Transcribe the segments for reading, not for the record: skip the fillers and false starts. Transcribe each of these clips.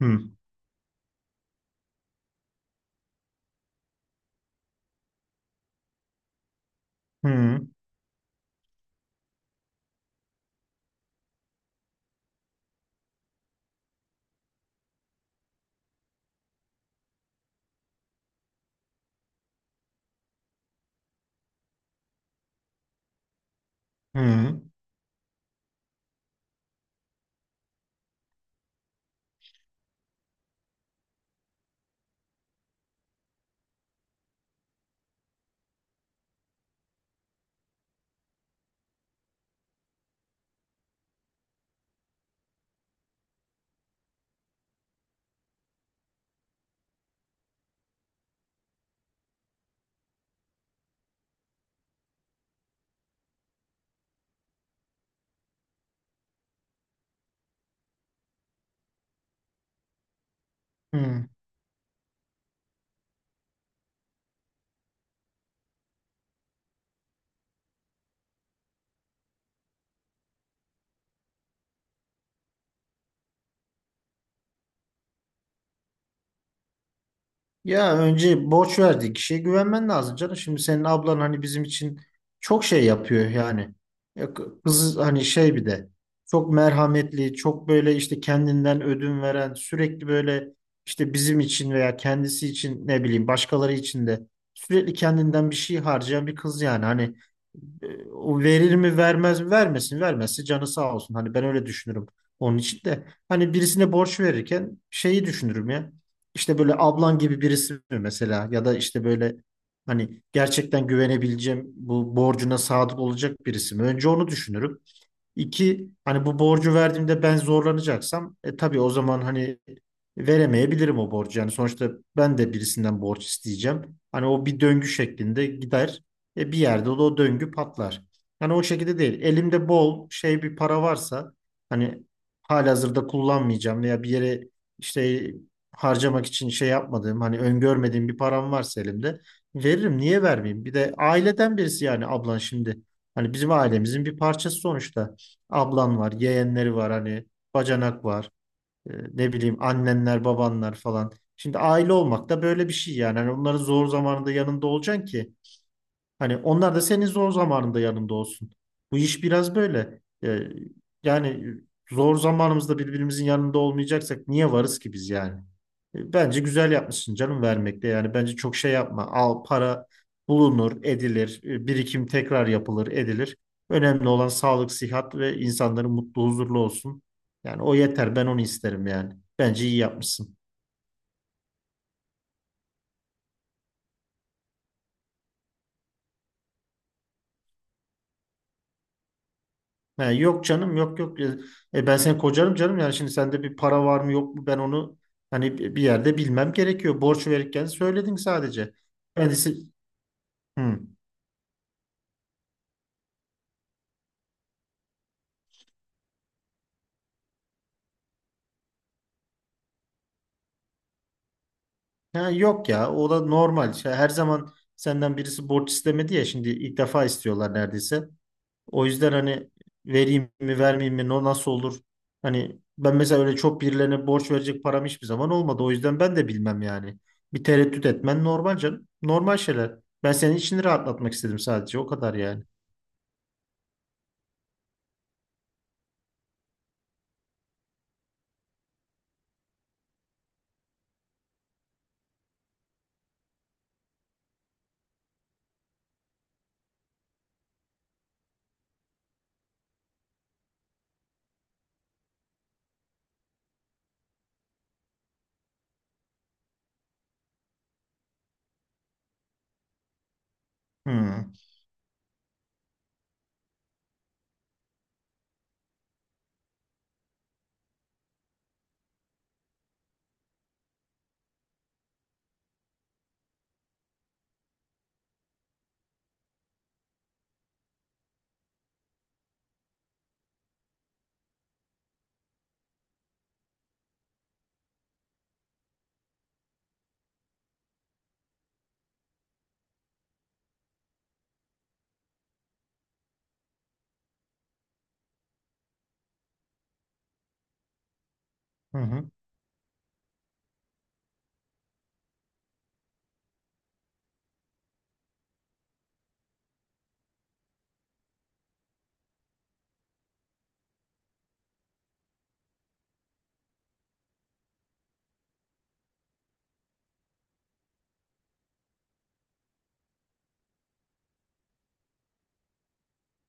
Hı, hı, hı, hı. Ya önce borç verdiği kişiye güvenmen lazım canım. Şimdi senin ablan bizim için çok şey yapıyor yani. Kız hani, bir de çok merhametli, çok böyle işte kendinden ödün veren, sürekli böyle işte bizim için veya kendisi için ne bileyim başkaları için de sürekli kendinden bir şey harcayan bir kız yani. O verir mi vermez mi, vermesin, vermezse canı sağ olsun. Hani ben öyle düşünürüm onun için de. Hani birisine borç verirken şeyi düşünürüm ya. İşte böyle ablan gibi birisi mi mesela, ya da işte böyle hani gerçekten güvenebileceğim, bu borcuna sadık olacak birisi mi? Önce onu düşünürüm. İki, hani bu borcu verdiğimde ben zorlanacaksam tabii o zaman hani veremeyebilirim o borcu. Yani sonuçta ben de birisinden borç isteyeceğim. Hani o bir döngü şeklinde gider. Bir yerde de o döngü patlar. Hani o şekilde değil. Elimde bol şey bir para varsa hani halihazırda kullanmayacağım veya bir yere işte harcamak için şey yapmadığım, hani öngörmediğim bir param varsa elimde, veririm. Niye vermeyeyim? Bir de aileden birisi, yani ablan şimdi. Hani bizim ailemizin bir parçası sonuçta. Ablan var, yeğenleri var, hani bacanak var. E, ne bileyim, annenler, babanlar falan. Şimdi aile olmak da böyle bir şey yani. Hani onların zor zamanında yanında olacaksın ki hani onlar da senin zor zamanında yanında olsun. Bu iş biraz böyle. Yani zor zamanımızda birbirimizin yanında olmayacaksak niye varız ki biz yani? Bence güzel yapmışsın canım vermekte. Yani bence çok şey yapma. Al, para bulunur, edilir. Birikim tekrar yapılır, edilir. Önemli olan sağlık, sıhhat ve insanların mutlu, huzurlu olsun. Yani o yeter. Ben onu isterim yani. Bence iyi yapmışsın. Ha, yok canım, yok yok. Ben seni kocarım canım, yani şimdi sende bir para var mı yok mu, ben onu hani bir yerde bilmem gerekiyor. Borç verirken söyledin sadece. Kendisi. Hı. Ha, yok ya, o da normal. Şey, her zaman senden birisi borç istemedi ya, şimdi ilk defa istiyorlar neredeyse. O yüzden hani vereyim mi vermeyeyim mi, nasıl olur? Hani ben mesela öyle çok birilerine borç verecek param hiçbir zaman olmadı. O yüzden ben de bilmem yani. Bir tereddüt etmen normal canım. Normal şeyler. Ben senin içini rahatlatmak istedim sadece. O kadar yani. Hmm. Hı hı.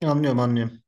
Anlıyorum, anlıyorum.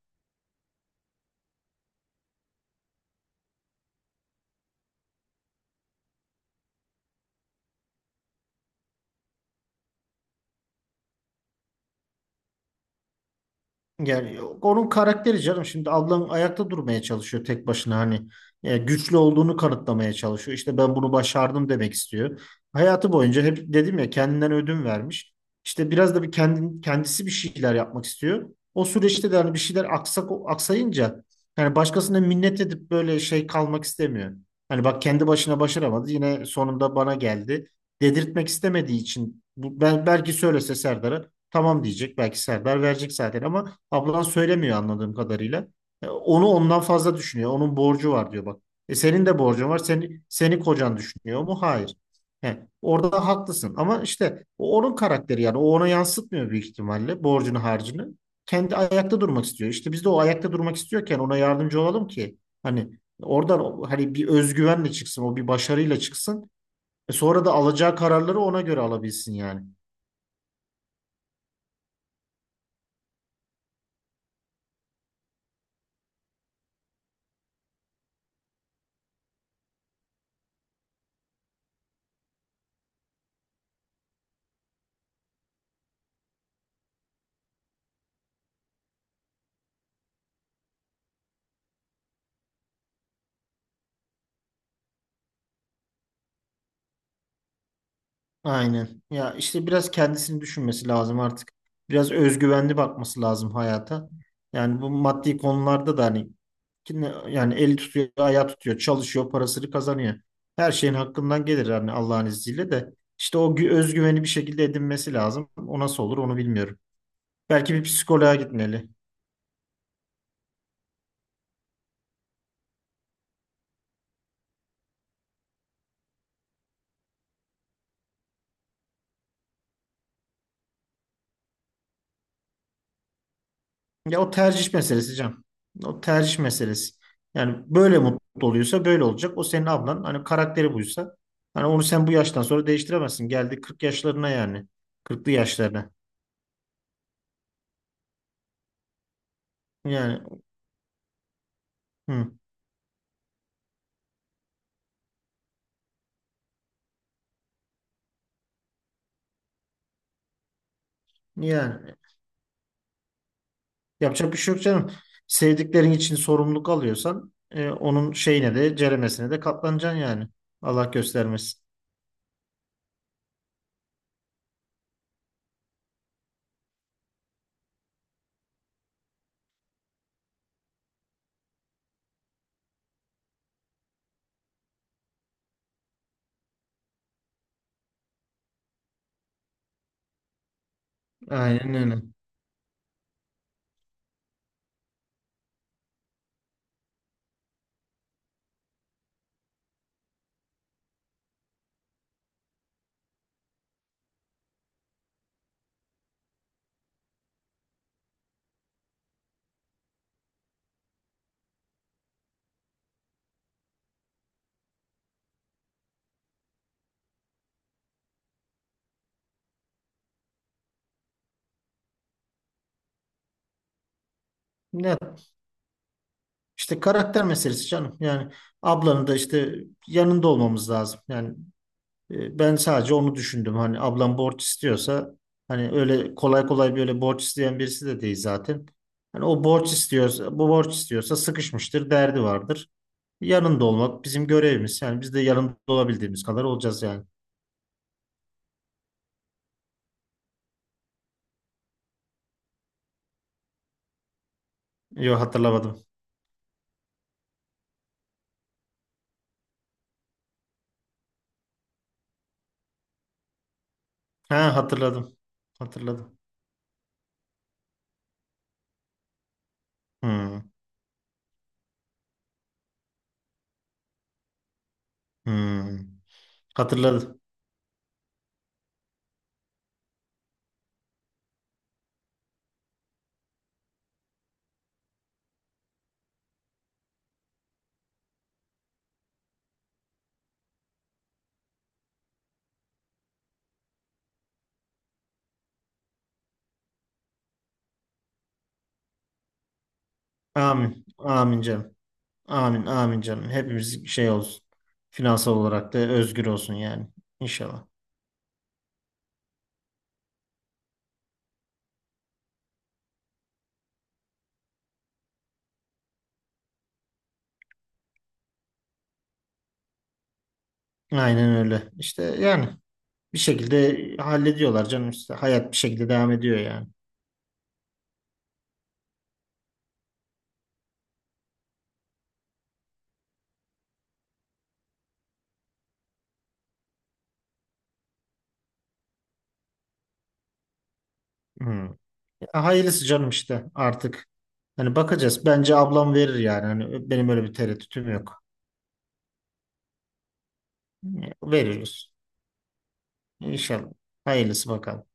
Yani onun karakteri canım, şimdi ablam ayakta durmaya çalışıyor tek başına, hani güçlü olduğunu kanıtlamaya çalışıyor. İşte ben bunu başardım demek istiyor. Hayatı boyunca hep dedim ya, kendinden ödün vermiş. İşte biraz da kendisi bir şeyler yapmak istiyor. O süreçte de hani bir şeyler aksayınca yani başkasına minnet edip böyle şey kalmak istemiyor. Hani bak, kendi başına başaramadı, yine sonunda bana geldi dedirtmek istemediği için bu. Ben belki söylese Serdar'a tamam diyecek, belki Serdar verecek zaten, ama ablan söylemiyor anladığım kadarıyla. Onu ondan fazla düşünüyor. Onun borcu var diyor bak. E senin de borcun var. Seni kocan düşünüyor mu? Hayır. He, orada haklısın. Ama işte o onun karakteri yani. O ona yansıtmıyor büyük ihtimalle borcunu, harcını. Kendi ayakta durmak istiyor. İşte biz de o ayakta durmak istiyorken ona yardımcı olalım ki hani oradan hani bir özgüvenle çıksın, O bir başarıyla çıksın. E sonra da alacağı kararları ona göre alabilsin yani. Aynen. Ya işte biraz kendisini düşünmesi lazım artık. Biraz özgüvenli bakması lazım hayata. Yani bu maddi konularda da hani yani eli tutuyor, ayağı tutuyor, çalışıyor, parasını kazanıyor. Her şeyin hakkından gelir yani Allah'ın izniyle de. İşte o özgüveni bir şekilde edinmesi lazım. O nasıl olur onu bilmiyorum. Belki bir psikoloğa gitmeli. Ya o tercih meselesi Can. O tercih meselesi. Yani böyle mutlu oluyorsa böyle olacak. O senin ablan. Hani karakteri buysa, hani onu sen bu yaştan sonra değiştiremezsin. Geldi 40 yaşlarına yani, kırklı yaşlarına. Yani hı, yani yapacak bir şey yok canım. Sevdiklerin için sorumluluk alıyorsan onun şeyine de ceremesine de katlanacaksın yani. Allah göstermesin. Aynen öyle. Ya, işte karakter meselesi canım. Yani ablanın da işte yanında olmamız lazım. Ben sadece onu düşündüm. Hani ablam borç istiyorsa, hani öyle kolay kolay böyle borç isteyen birisi de değil zaten. Hani o borç istiyorsa, bu borç istiyorsa sıkışmıştır, derdi vardır. Yanında olmak bizim görevimiz. Yani biz de yanında olabildiğimiz kadar olacağız yani. Yok, hatırlamadım. Ha, hatırladım. Hatırladım. Hmm, hmm. Hatırladım. Amin. Amin canım. Amin. Amin canım. Hepimiz şey olsun. Finansal olarak da özgür olsun yani. İnşallah. Aynen öyle. İşte yani bir şekilde hallediyorlar canım işte. Hayat bir şekilde devam ediyor yani. Hmm. Ya hayırlısı canım işte artık. Hani bakacağız. Bence ablam verir yani. Hani benim öyle bir tereddütüm yok. Ee, Veriyoruz. İnşallah. Hayırlısı bakalım.